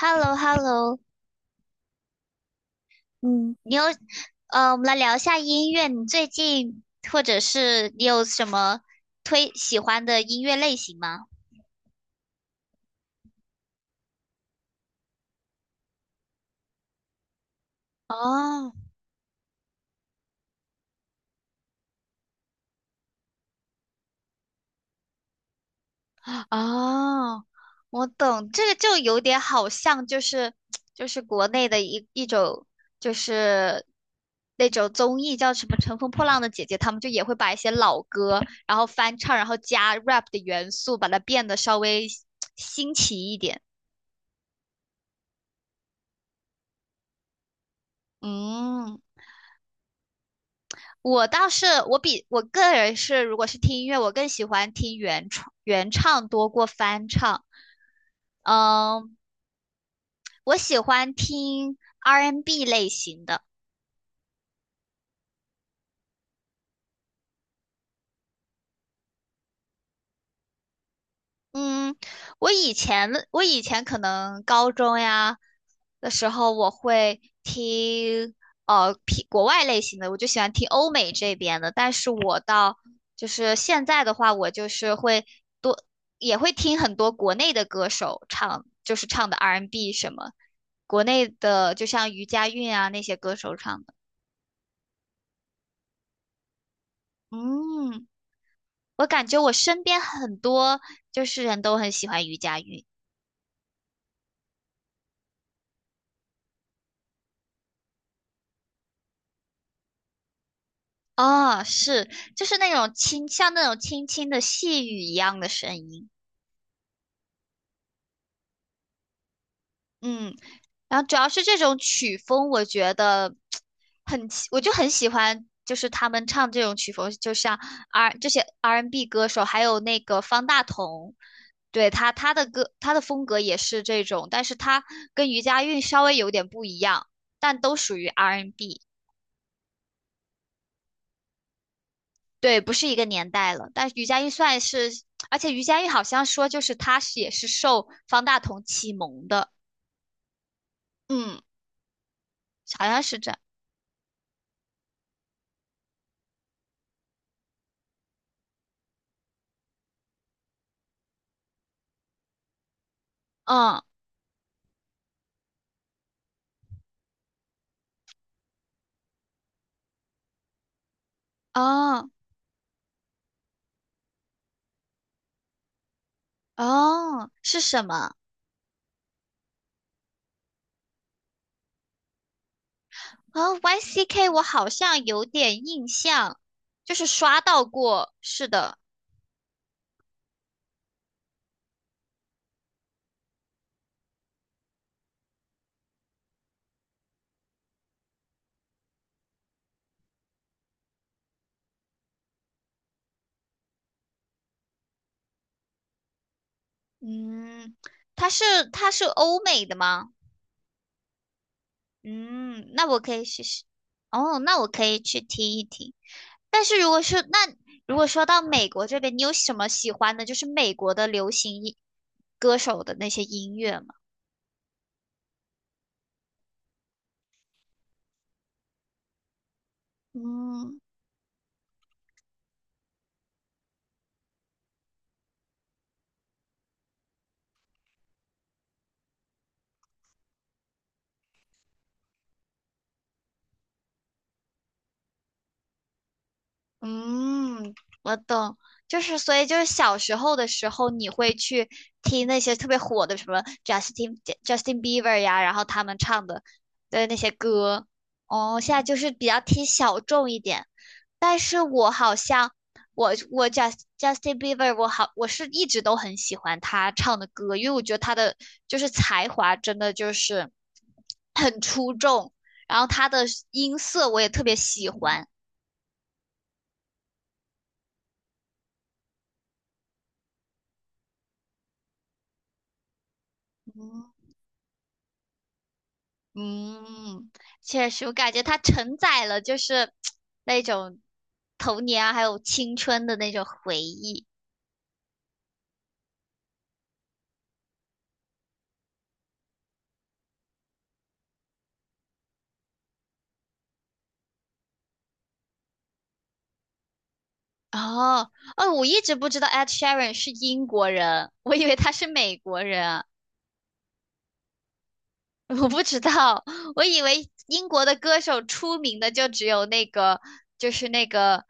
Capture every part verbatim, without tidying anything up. h e l l o h e l l o。 嗯，你有，呃，我们来聊一下音乐。你最近或者是你有什么推喜欢的音乐类型吗？哦哦，我懂，这个就有点好像就是就是国内的一一种就是那种综艺叫什么《乘风破浪的姐姐》，他们就也会把一些老歌，然后翻唱，然后加 rap 的元素，把它变得稍微新奇一点。嗯我倒是我比我个人是，如果是听音乐，我更喜欢听原创原唱多过翻唱。嗯，我喜欢听 R and B n 类型的。嗯，我以前的我以前可能高中呀的时候，我会听呃偏国外类型的，我就喜欢听欧美这边的。但是我到就是现在的话，我就是会多也会听很多国内的歌手唱，就是唱的 R and B n 什么，国内的就像余佳韵啊那些歌手唱的。嗯，我感觉我身边很多就是人都很喜欢余佳韵。哦，是，就是那种轻，像那种轻轻的细雨一样的声音，嗯，然后主要是这种曲风，我觉得很喜，我就很喜欢，就是他们唱这种曲风，就像 R 这些 R and B n 歌手，还有那个方大同，对他他的歌，他的风格也是这种，但是他跟余佳韵稍微有点不一样，但都属于 R and B n。对，不是一个年代了。但是余佳玉算是，而且余佳玉好像说，就是她是也是受方大同启蒙的，嗯，好像是这样。嗯，哦，哦，是什么？哦，Y C K，我好像有点印象，就是刷到过。是的，嗯，它是它是欧美的吗？嗯，那我可以试试。哦，那我可以去听一听。但是如果是那如果说到美国这边，你有什么喜欢的，就是美国的流行音歌手的那些音乐吗？嗯。嗯，我懂，就是所以就是小时候的时候，你会去听那些特别火的什么 Justin Justin Bieber 呀，然后他们唱的的那些歌。哦，现在就是比较听小众一点，但是我好像我我 Just Justin Bieber 我好我是一直都很喜欢他唱的歌，因为我觉得他的就是才华真的就是很出众，然后他的音色我也特别喜欢。嗯，确实，我感觉它承载了就是那种童年啊，还有青春的那种回忆。哦，哦，我一直不知道 Ed Sheeran 是英国人，我以为他是美国人。我不知道，我以为英国的歌手出名的就只有那个，就是那个，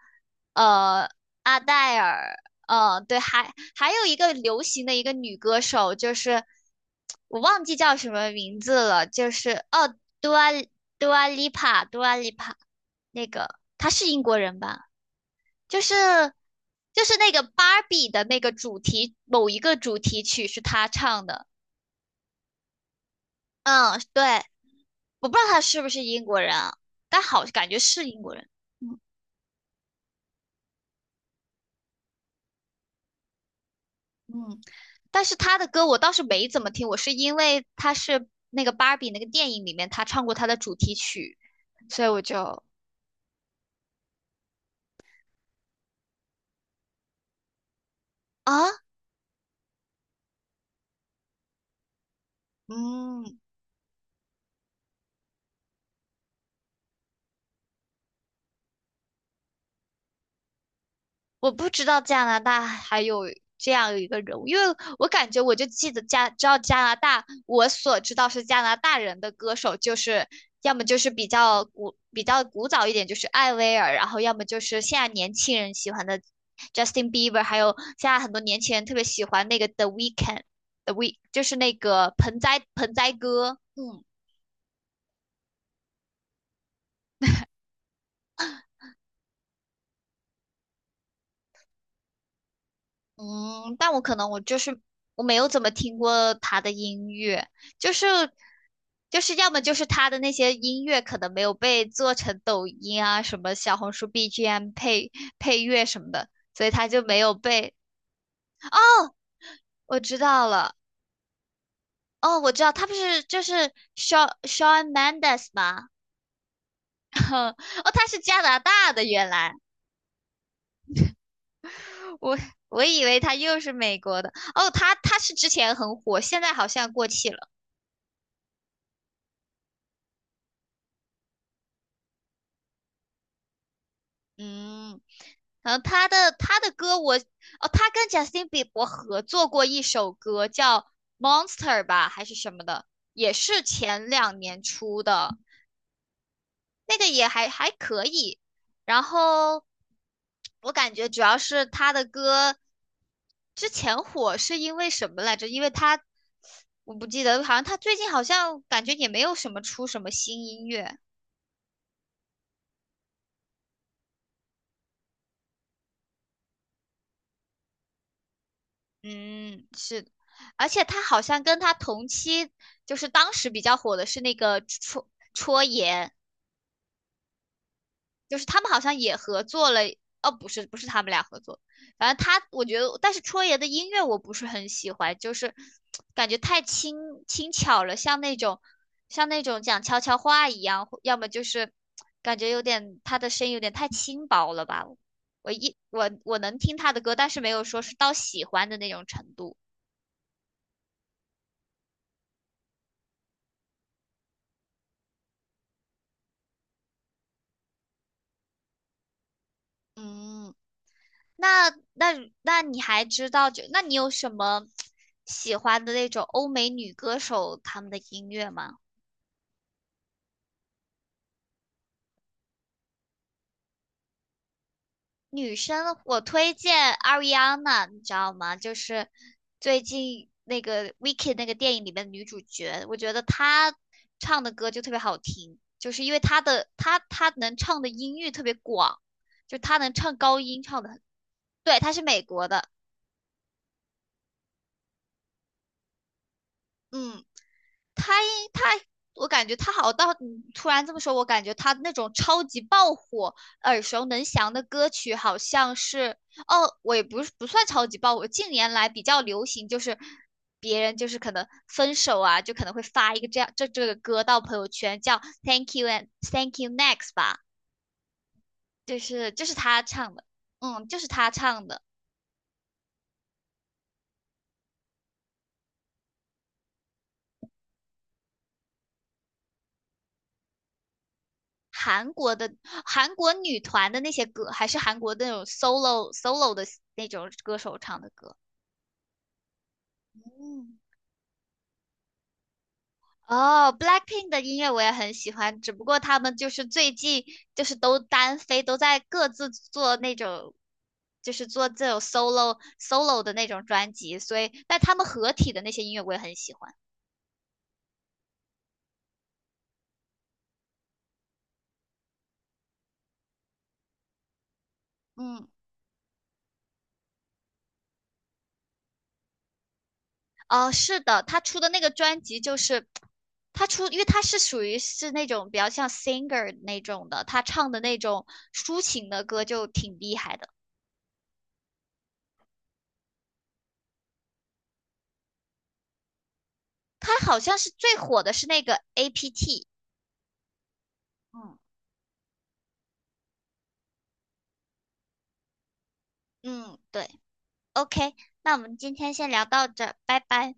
呃，阿黛尔，嗯，对，还还有一个流行的一个女歌手，就是我忘记叫什么名字了，就是哦，Dua Dua l i p a 那个她是英国人吧？就是就是那个芭比的那个主题，某一个主题曲是她唱的，嗯，对。我不知道他是不是英国人啊，但好感觉是英国人。嗯，但是他的歌我倒是没怎么听，我是因为他是那个芭比那个电影里面他唱过他的主题曲，所以我就啊，嗯，我不知道加拿大还有这样一个人物，因为我感觉我就记得加，知道加拿大，我所知道是加拿大人的歌手，就是要么就是比较古比较古早一点，就是艾薇儿，然后要么就是现在年轻人喜欢的 Justin Bieber，还有现在很多年轻人特别喜欢那个 The Weeknd，The Week 就是那个盆栽盆栽哥，嗯。嗯，但我可能我就是我没有怎么听过他的音乐，就是就是要么就是他的那些音乐可能没有被做成抖音啊什么小红书 B G M 配配乐什么的，所以他就没有被。哦，我知道了，哦，我知道他不是就是 Shawn Shawn Mendes 吗？哦，他是加拿大的，原来我我以为他又是美国的。哦，他他是之前很火，现在好像过气了。嗯，然后他的他的歌我哦，他跟贾斯汀比伯合作过一首歌叫《Monster》吧，还是什么的，也是前两年出的，那个也还还可以。然后我感觉主要是他的歌之前火是因为什么来着？因为他我不记得，好像他最近好像感觉也没有什么出什么新音乐。嗯，是，而且他好像跟他同期，就是当时比较火的是那个戳戳爷，就是他们好像也合作了，哦，不是，不是他们俩合作，反正他，我觉得，但是戳爷的音乐我不是很喜欢，就是感觉太轻轻巧了，像那种像那种讲悄悄话一样，要么就是感觉有点他的声音有点太轻薄了吧，我一我我能听他的歌，但是没有说是到喜欢的那种程度，嗯。那那那你还知道就那你有什么喜欢的那种欧美女歌手她们的音乐吗？女生我推荐 Ariana，你知道吗？就是最近那个《v i c k y 那个电影里面的女主角，我觉得她唱的歌就特别好听，就是因为她的她她能唱的音域特别广，就她能唱高音唱的很，对，她是美国的，嗯。他他，我感觉他好到你突然这么说，我感觉他那种超级爆火、耳熟能详的歌曲，好像是哦，我也不是不算超级爆火，近年来比较流行，就是别人就是可能分手啊，就可能会发一个这样这这个歌到朋友圈，叫 Thank you and Thank you next 吧，就是就是他唱的，嗯，就是他唱的。韩国的韩国女团的那些歌，还是韩国的那种 solo solo 的那种歌手唱的歌。嗯，哦，Blackpink 的音乐我也很喜欢，只不过他们就是最近就是都单飞，都在各自做那种，就是做这种 solo solo 的那种专辑，所以但他们合体的那些音乐我也很喜欢。嗯，哦，是的，他出的那个专辑就是他出，因为他是属于是那种比较像 singer 那种的，他唱的那种抒情的歌就挺厉害的。他好像是最火的是那个 A P T，嗯，嗯，对。OK，那我们今天先聊到这儿，拜拜。